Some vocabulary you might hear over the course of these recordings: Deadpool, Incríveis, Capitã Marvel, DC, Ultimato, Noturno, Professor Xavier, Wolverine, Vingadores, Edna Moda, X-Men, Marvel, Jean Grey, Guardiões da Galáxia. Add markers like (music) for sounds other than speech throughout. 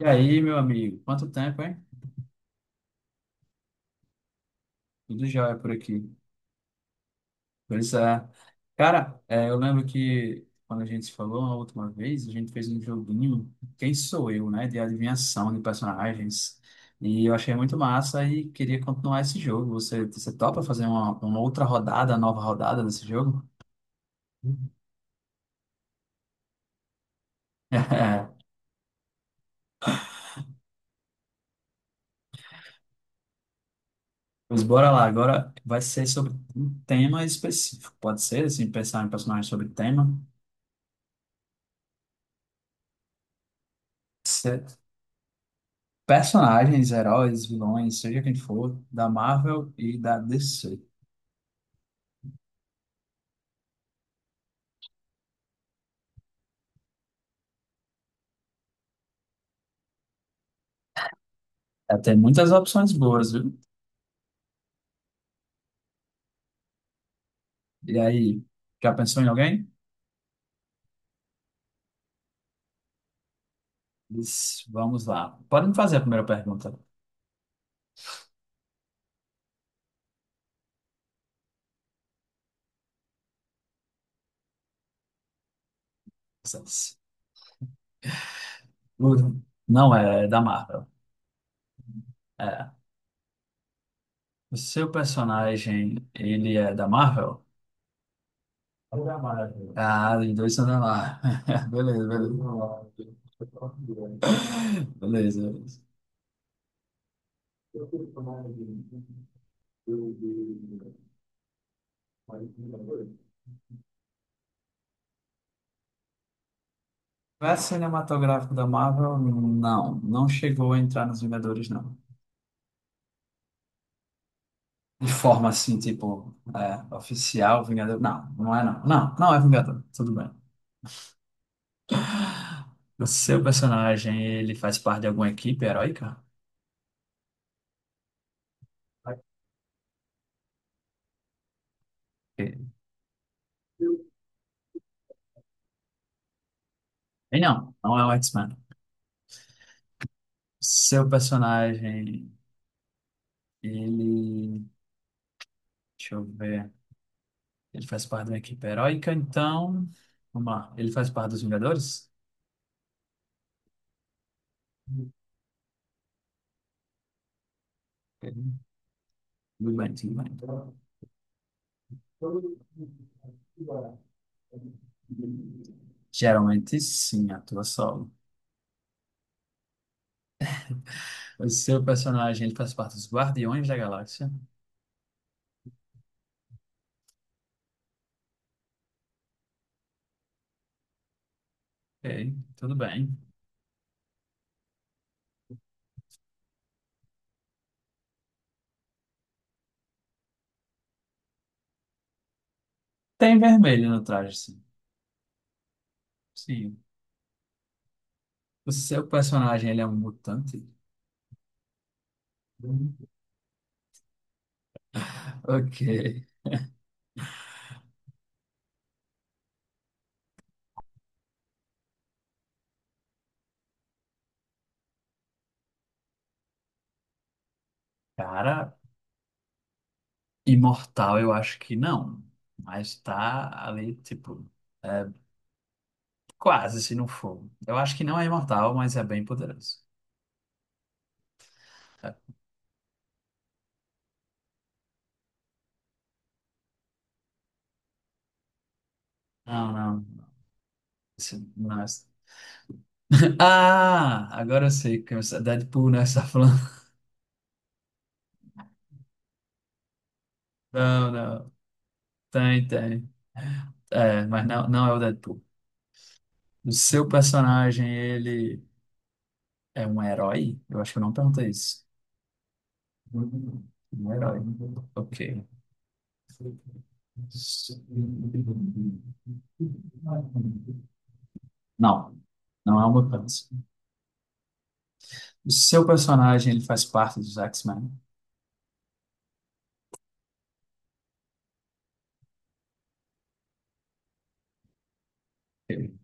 E aí, meu amigo? Quanto tempo, hein? Tudo jóia por aqui. Pois é. Cara, eu lembro que quando a gente se falou a última vez, a gente fez um joguinho Quem Sou Eu, né? De adivinhação de personagens. E eu achei muito massa e queria continuar esse jogo. Você topa fazer uma outra rodada, nova rodada desse jogo? Uhum. (laughs) Pois bora lá. Agora vai ser sobre um tema específico. Pode ser, assim, pensar em personagens sobre tema. Personagens, heróis, vilões, seja quem for, da Marvel e da DC. É, tem muitas opções boas, viu? E aí, já pensou em alguém? Diz, vamos lá. Pode me fazer a primeira pergunta. Vocês. Uhum. Não é da Marvel. É. O seu personagem, ele é da Marvel? É da Marvel. Ah, os dois são da Marvel. (laughs) Beleza, beleza. Beleza, beleza. Universo cinematográfico da Marvel, não. Não chegou a entrar nos Vingadores, não. De forma assim, tipo, oficial, Vingador. Não, não é não. Não, não é Vingador. Tudo bem. O seu personagem, ele faz parte de alguma equipe heróica? Ok. E não, não é o X-Men. Seu personagem, ele. Deixa eu ver. Ele faz parte de uma equipe heróica, então. Vamos lá. Ele faz parte dos Vingadores? Ok. Tudo bem, tudo bem. Geralmente sim, atua solo. O seu personagem ele faz parte dos Guardiões da Galáxia. Ok, tudo bem. Tem vermelho no traje, sim. Sim. O seu personagem ele é um mutante? (laughs) Ok. Cara, imortal eu acho que não. Mas tá ali, tipo, é, quase se não for. Eu acho que não é imortal, mas é bem poderoso. É. Não, não. Não é. (laughs) Ah, agora eu sei que é Deadpool, né? Você tá falando. (laughs) Não, não. Tem, tem. É, mas não, não é o Deadpool. O seu personagem, ele é um herói? Eu acho que eu não perguntei isso. Um herói. Ok. Não, não é uma mudança. O seu personagem, ele faz parte dos X-Men? Ele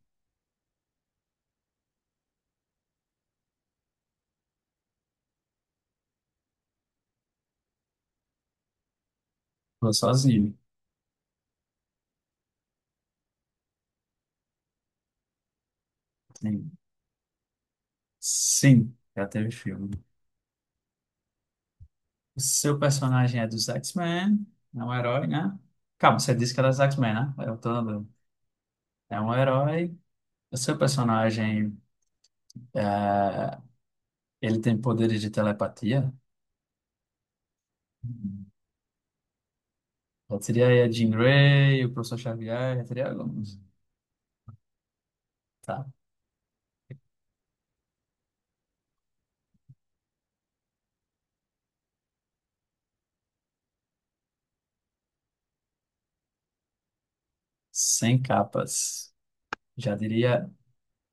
ficou sozinho. Sim. Sim, já teve filme. O seu personagem é dos X-Men, é um herói, né? Calma, você disse que era dos X-Men, né? Eu tô andando. É um herói. O seu personagem, é, ele tem poderes de telepatia? Hum. Já seria aí a Jean Grey, o professor Xavier, já teria alguns. Tá. Sem capas. Já diria,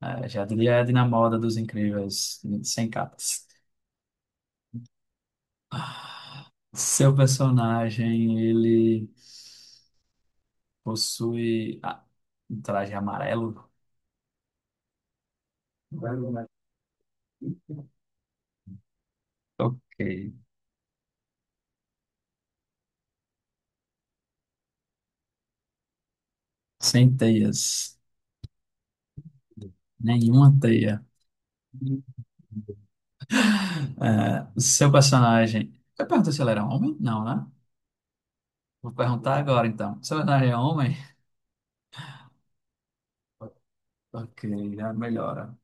já diria a Edna Moda dos Incríveis, sem capas. Seu personagem, ele possui um traje amarelo? Ok. Sem teias. Nenhuma teia. É, o seu personagem. Eu perguntei se ele era homem? Não, né? Vou perguntar agora então. Seu personagem é homem? Ok, já melhora.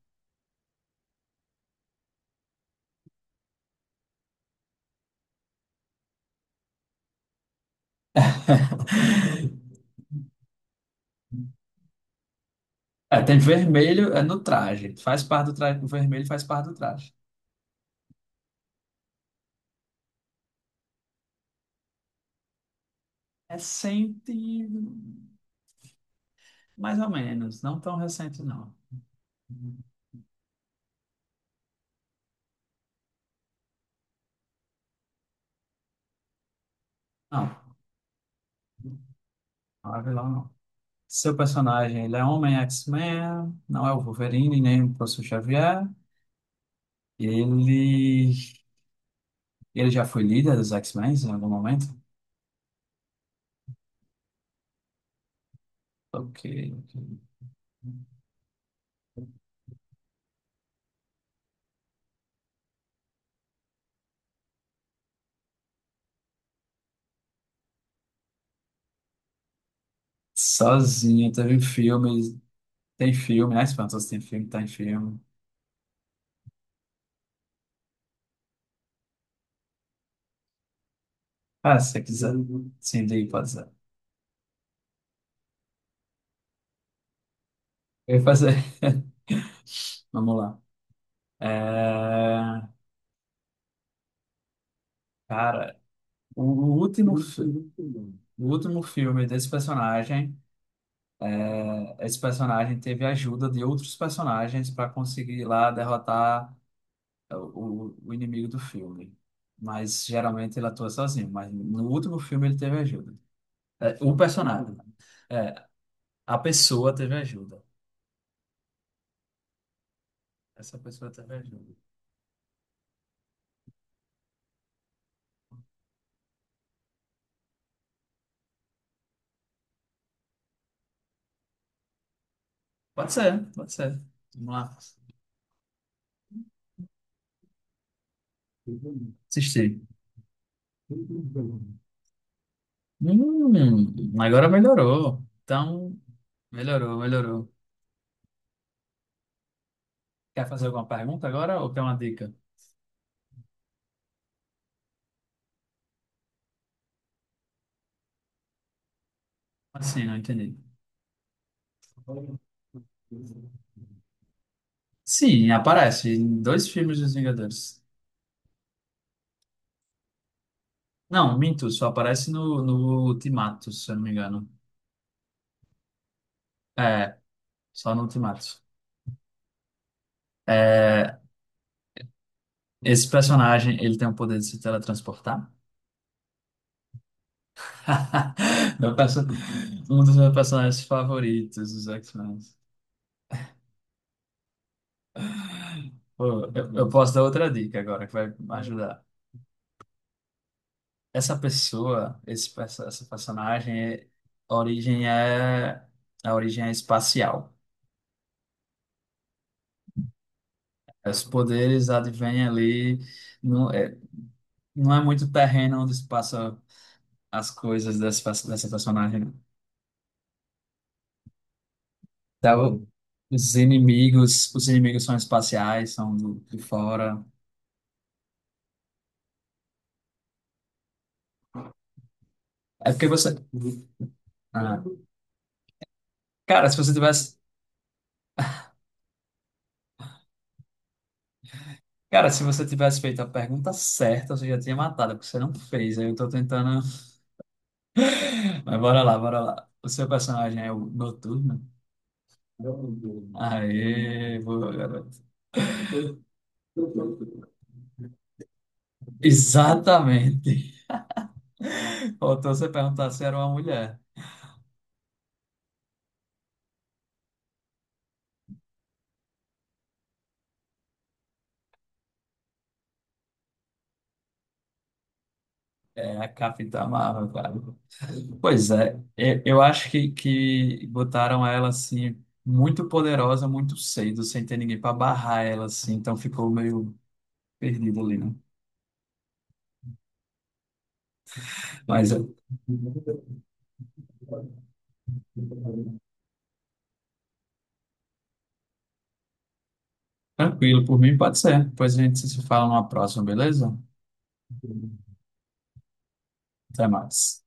(laughs) É, tem vermelho é no traje. Faz parte do traje. O vermelho faz parte do traje. Recente, mais ou menos. Não tão recente, não. Não, não é vilão, não. Seu personagem, ele é homem X-Men, não é o Wolverine, nem o Professor Xavier. Ele, ele já foi líder dos X-Men em algum momento? Ok. Sozinho, teve filmes tem filme, né? Espantoso tem filme, tá em filme. Ah, se você quiser, sim, daí pode ser. Eu ia fazer. (laughs) Vamos lá. É, cara, o último, fi- o último filme desse personagem. É, esse personagem teve a ajuda de outros personagens para conseguir lá derrotar o inimigo do filme. Mas geralmente ele atua sozinho, mas no último filme ele teve ajuda. É, o personagem. É, a pessoa teve ajuda. Essa pessoa teve ajuda. Pode ser, pode ser. Vamos lá. Assistir. Hum, agora melhorou. Então, melhorou, melhorou. Quer fazer alguma pergunta agora ou quer uma dica? Assim, não entendi. Sim, aparece em dois filmes dos Vingadores. Não, minto, só aparece no Ultimato, se eu não me engano. É, só no Ultimato. É, esse personagem, ele tem o poder de se teletransportar. (laughs) Meu perso- Um dos meus personagens favoritos dos X-Men. Pô, eu posso dar outra dica agora que vai ajudar. Essa pessoa, essa personagem, a origem é, a origem é espacial. Os poderes advêm ali, não é, não é muito terreno onde se passa as coisas dessa personagem. Né? Então, os inimigos são espaciais, são de fora. É porque você, ah, cara, se você tivesse, cara, se você tivesse feito a pergunta certa, você já tinha matado, porque você não fez. Aí eu tô tentando, (laughs) mas bora lá, bora lá. O seu personagem é o Noturno? Aê, boa, garoto. Exatamente. Faltou você perguntar se era uma mulher. É, a Capitã Marvel, cara. Pois é, eu acho que botaram ela assim, muito poderosa, muito cedo, sem ter ninguém para barrar ela, assim, então ficou meio perdido ali, né? Mas é, tranquilo, por mim pode ser. Depois a gente se fala numa próxima, beleza? Até mais.